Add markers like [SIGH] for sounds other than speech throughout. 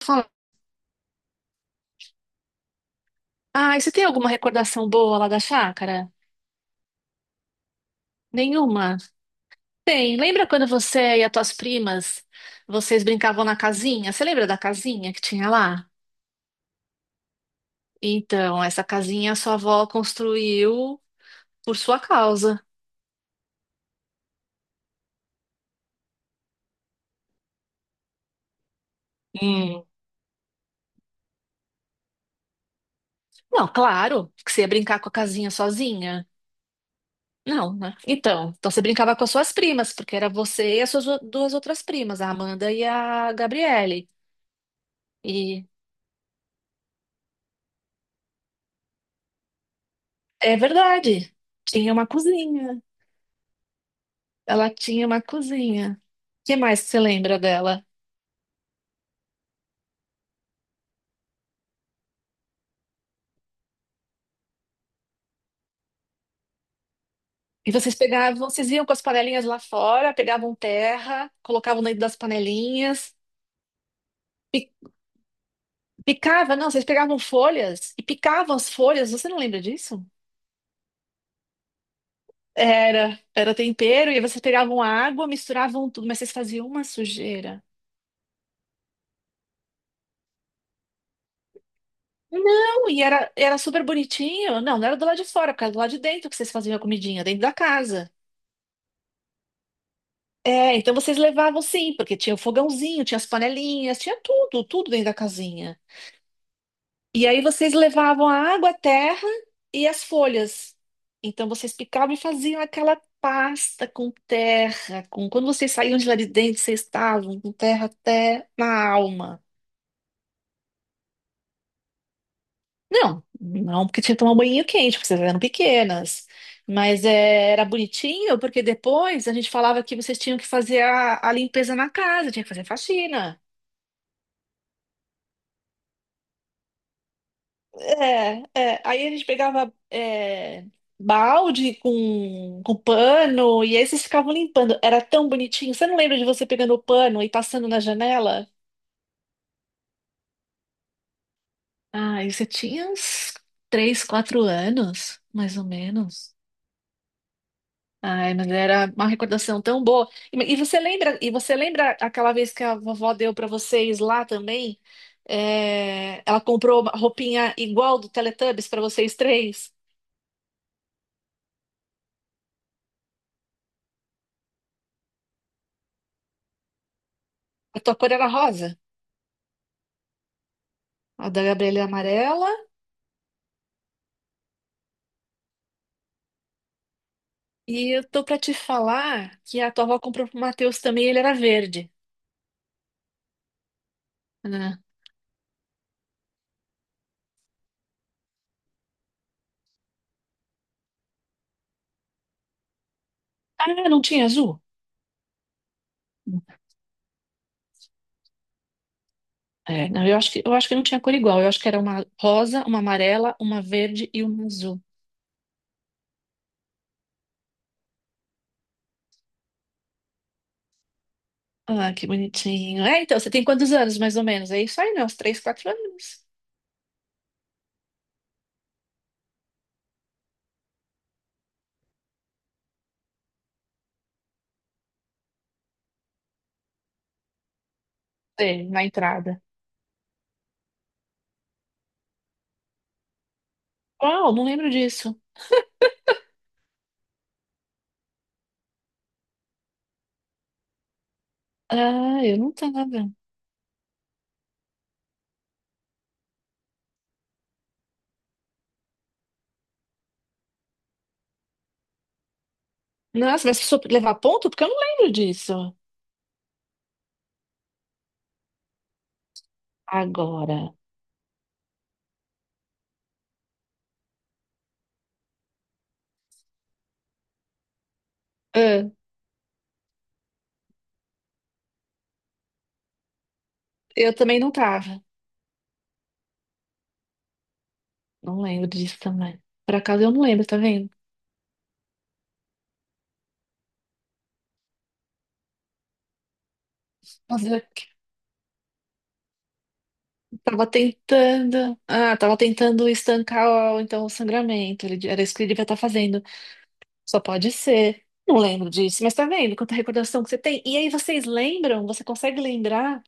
Fala. Ah, e você tem alguma recordação boa lá da chácara? Nenhuma? Tem. Lembra quando você e as tuas primas, vocês brincavam na casinha? Você lembra da casinha que tinha lá? Então, essa casinha a sua avó construiu por sua causa. Hum. Não, claro, que você ia brincar com a casinha sozinha. Não, né? Então, você brincava com as suas primas, porque era você e as suas duas outras primas, a Amanda e a Gabriele. E é verdade, tinha uma cozinha. Ela tinha uma cozinha. O que mais que você lembra dela? E vocês pegavam, vocês iam com as panelinhas lá fora, pegavam terra, colocavam dentro das panelinhas, pi- picava, não, vocês pegavam folhas e picavam as folhas, você não lembra disso? Era, era tempero, e vocês pegavam água, misturavam tudo, mas vocês faziam uma sujeira. Não, e era, era super bonitinho. Não, não era do lado de fora, porque era do lado de dentro que vocês faziam a comidinha, dentro da casa. É, então vocês levavam sim, porque tinha o fogãozinho, tinha as panelinhas, tinha tudo, tudo dentro da casinha. E aí vocês levavam a água, a terra e as folhas. Então vocês picavam e faziam aquela pasta com terra, com quando vocês saíam de lá de dentro, vocês estavam com terra até na alma. Não, não porque tinha que tomar um banho quente, porque vocês eram pequenas. Mas é, era bonitinho, porque depois a gente falava que vocês tinham que fazer a limpeza na casa, tinha que fazer faxina. É, é. Aí a gente pegava é, balde com pano e aí vocês ficavam limpando. Era tão bonitinho. Você não lembra de você pegando o pano e passando na janela? Ai, você tinha uns 3, 4 anos, mais ou menos. Ai, mas era uma recordação tão boa. E você lembra, e você lembra aquela vez que a vovó deu para vocês lá também? É, ela comprou uma roupinha igual do Teletubbies para vocês três. A tua cor era rosa. A da Gabriela é amarela. E eu tô pra te falar que a tua avó comprou pro Matheus também, ele era verde. Né? Ah, não tinha azul? É, não, eu acho que não tinha cor igual. Eu acho que era uma rosa, uma amarela, uma verde e uma azul. Ah, que bonitinho. É, então, você tem quantos anos, mais ou menos? É isso aí, né? Uns 3, 4 anos. É, na entrada. Uau, não lembro disso. Ah, eu não tava. Nossa, mas precisou levar ponto? Porque eu não lembro disso. Agora. Ah, eu também não tava. Não lembro disso também. Por acaso eu não lembro, tá vendo? Mas eu tava tentando. Ah, tava tentando estancar então o sangramento. Era isso que ele devia estar fazendo. Só pode ser. Não lembro disso, mas tá vendo quanta recordação que você tem? E aí vocês lembram? Você consegue lembrar?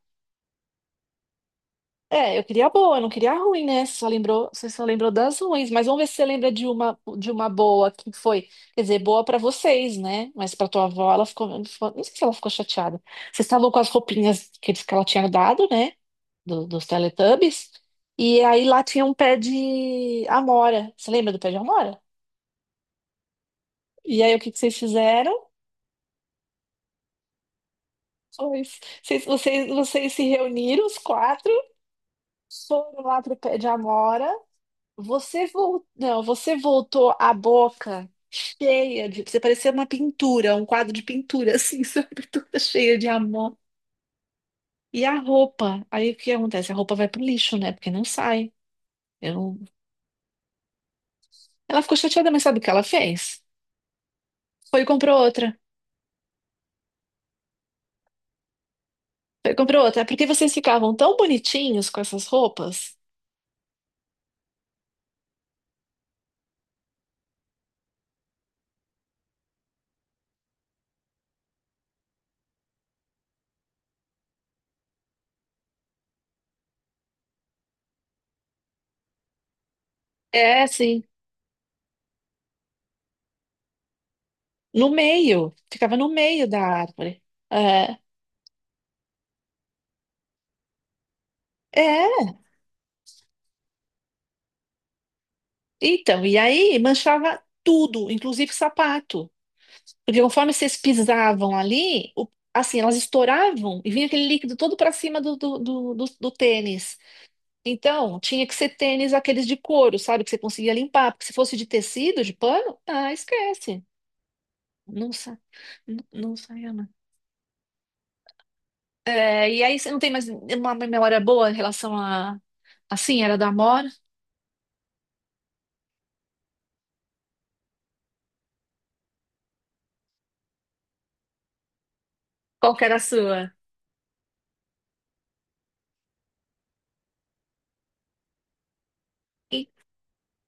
É, eu queria a boa, eu não queria a ruim, né? Você só lembrou das ruins, mas vamos ver se você lembra de uma boa que foi, quer dizer, boa pra vocês, né? Mas pra tua avó ela ficou, não sei se ela ficou chateada. Vocês estavam com as roupinhas que que ela tinha dado, né? Dos Teletubbies. E aí lá tinha um pé de amora. Você lembra do pé de amora? E aí o que que vocês fizeram? Foi- vocês se reuniram, os quatro, foram lá pro pé de amora. Não, você voltou a boca cheia de. Você parecia uma pintura, um quadro de pintura, assim, [LAUGHS] sabe? Toda cheia de amor. E a roupa? Aí o que acontece? A roupa vai pro lixo, né? Porque não sai. Eu... não- Ela ficou chateada, mas sabe o que ela fez? Foi e comprou outra. Comprou outra. É porque vocês ficavam tão bonitinhos com essas roupas? É, sim. No meio. Ficava no meio da árvore. É. É. Então, e aí manchava tudo, inclusive sapato. Porque conforme vocês pisavam ali, assim, elas estouravam e vinha aquele líquido todo para cima do tênis. Então, tinha que ser tênis aqueles de couro, sabe? Que você conseguia limpar. Porque se fosse de tecido, de pano, ah, esquece. Não sai, não sai. É, e aí você não tem mais uma memória boa em relação a assim, era da Amora? Qual que era a sua?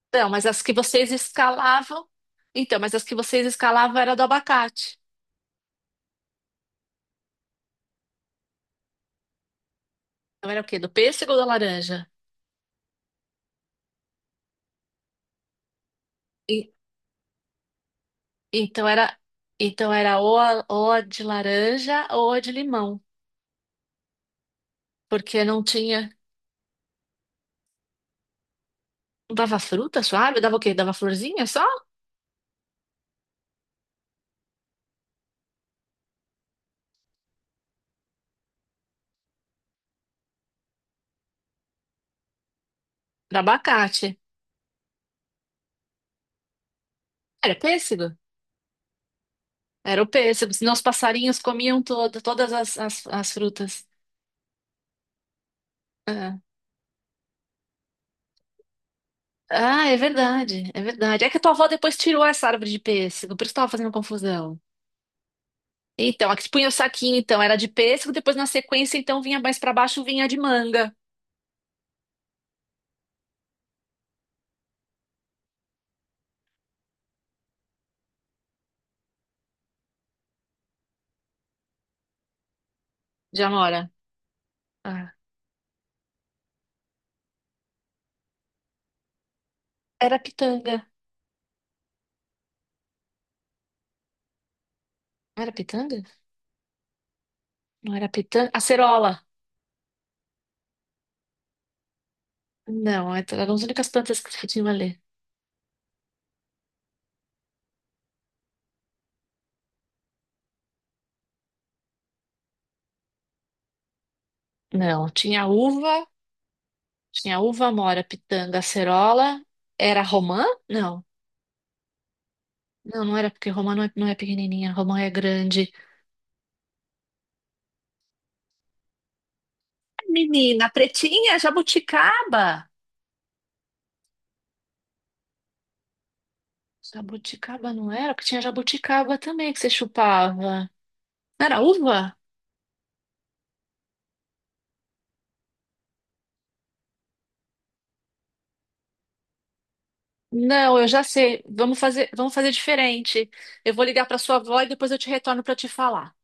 Então, mas as que vocês escalavam, então, mas as que vocês escalavam era do abacate. Então era o quê? Do pêssego ou da laranja? E- então era, então era ou a de laranja ou a de limão, porque não tinha, não dava fruta suave, dava o quê? Dava florzinha só? Era abacate. Era pêssego? Era o pêssego, senão os passarinhos comiam toda, todas as, as frutas. Ah. Ah, é verdade, é verdade. É que a tua avó depois tirou essa árvore de pêssego, por isso tava fazendo confusão. Então, a que punha o saquinho, então, era de pêssego, depois na sequência, então, vinha mais pra baixo, vinha de manga, de amora. Ah, era pitanga. Não era pitanga? Não era pitanga? Acerola. Não, é- eram as únicas plantas que tinha ali. Não, tinha uva, amora, pitanga, acerola. Era romã? Não. Não, não era, porque romã não é, não é pequenininha, romã é grande. Menina, pretinha, jabuticaba. Jabuticaba não era? Porque tinha jabuticaba também que você chupava. Não era uva? Não, eu já sei. Vamos fazer diferente. Eu vou ligar para sua avó e depois eu te retorno para te falar.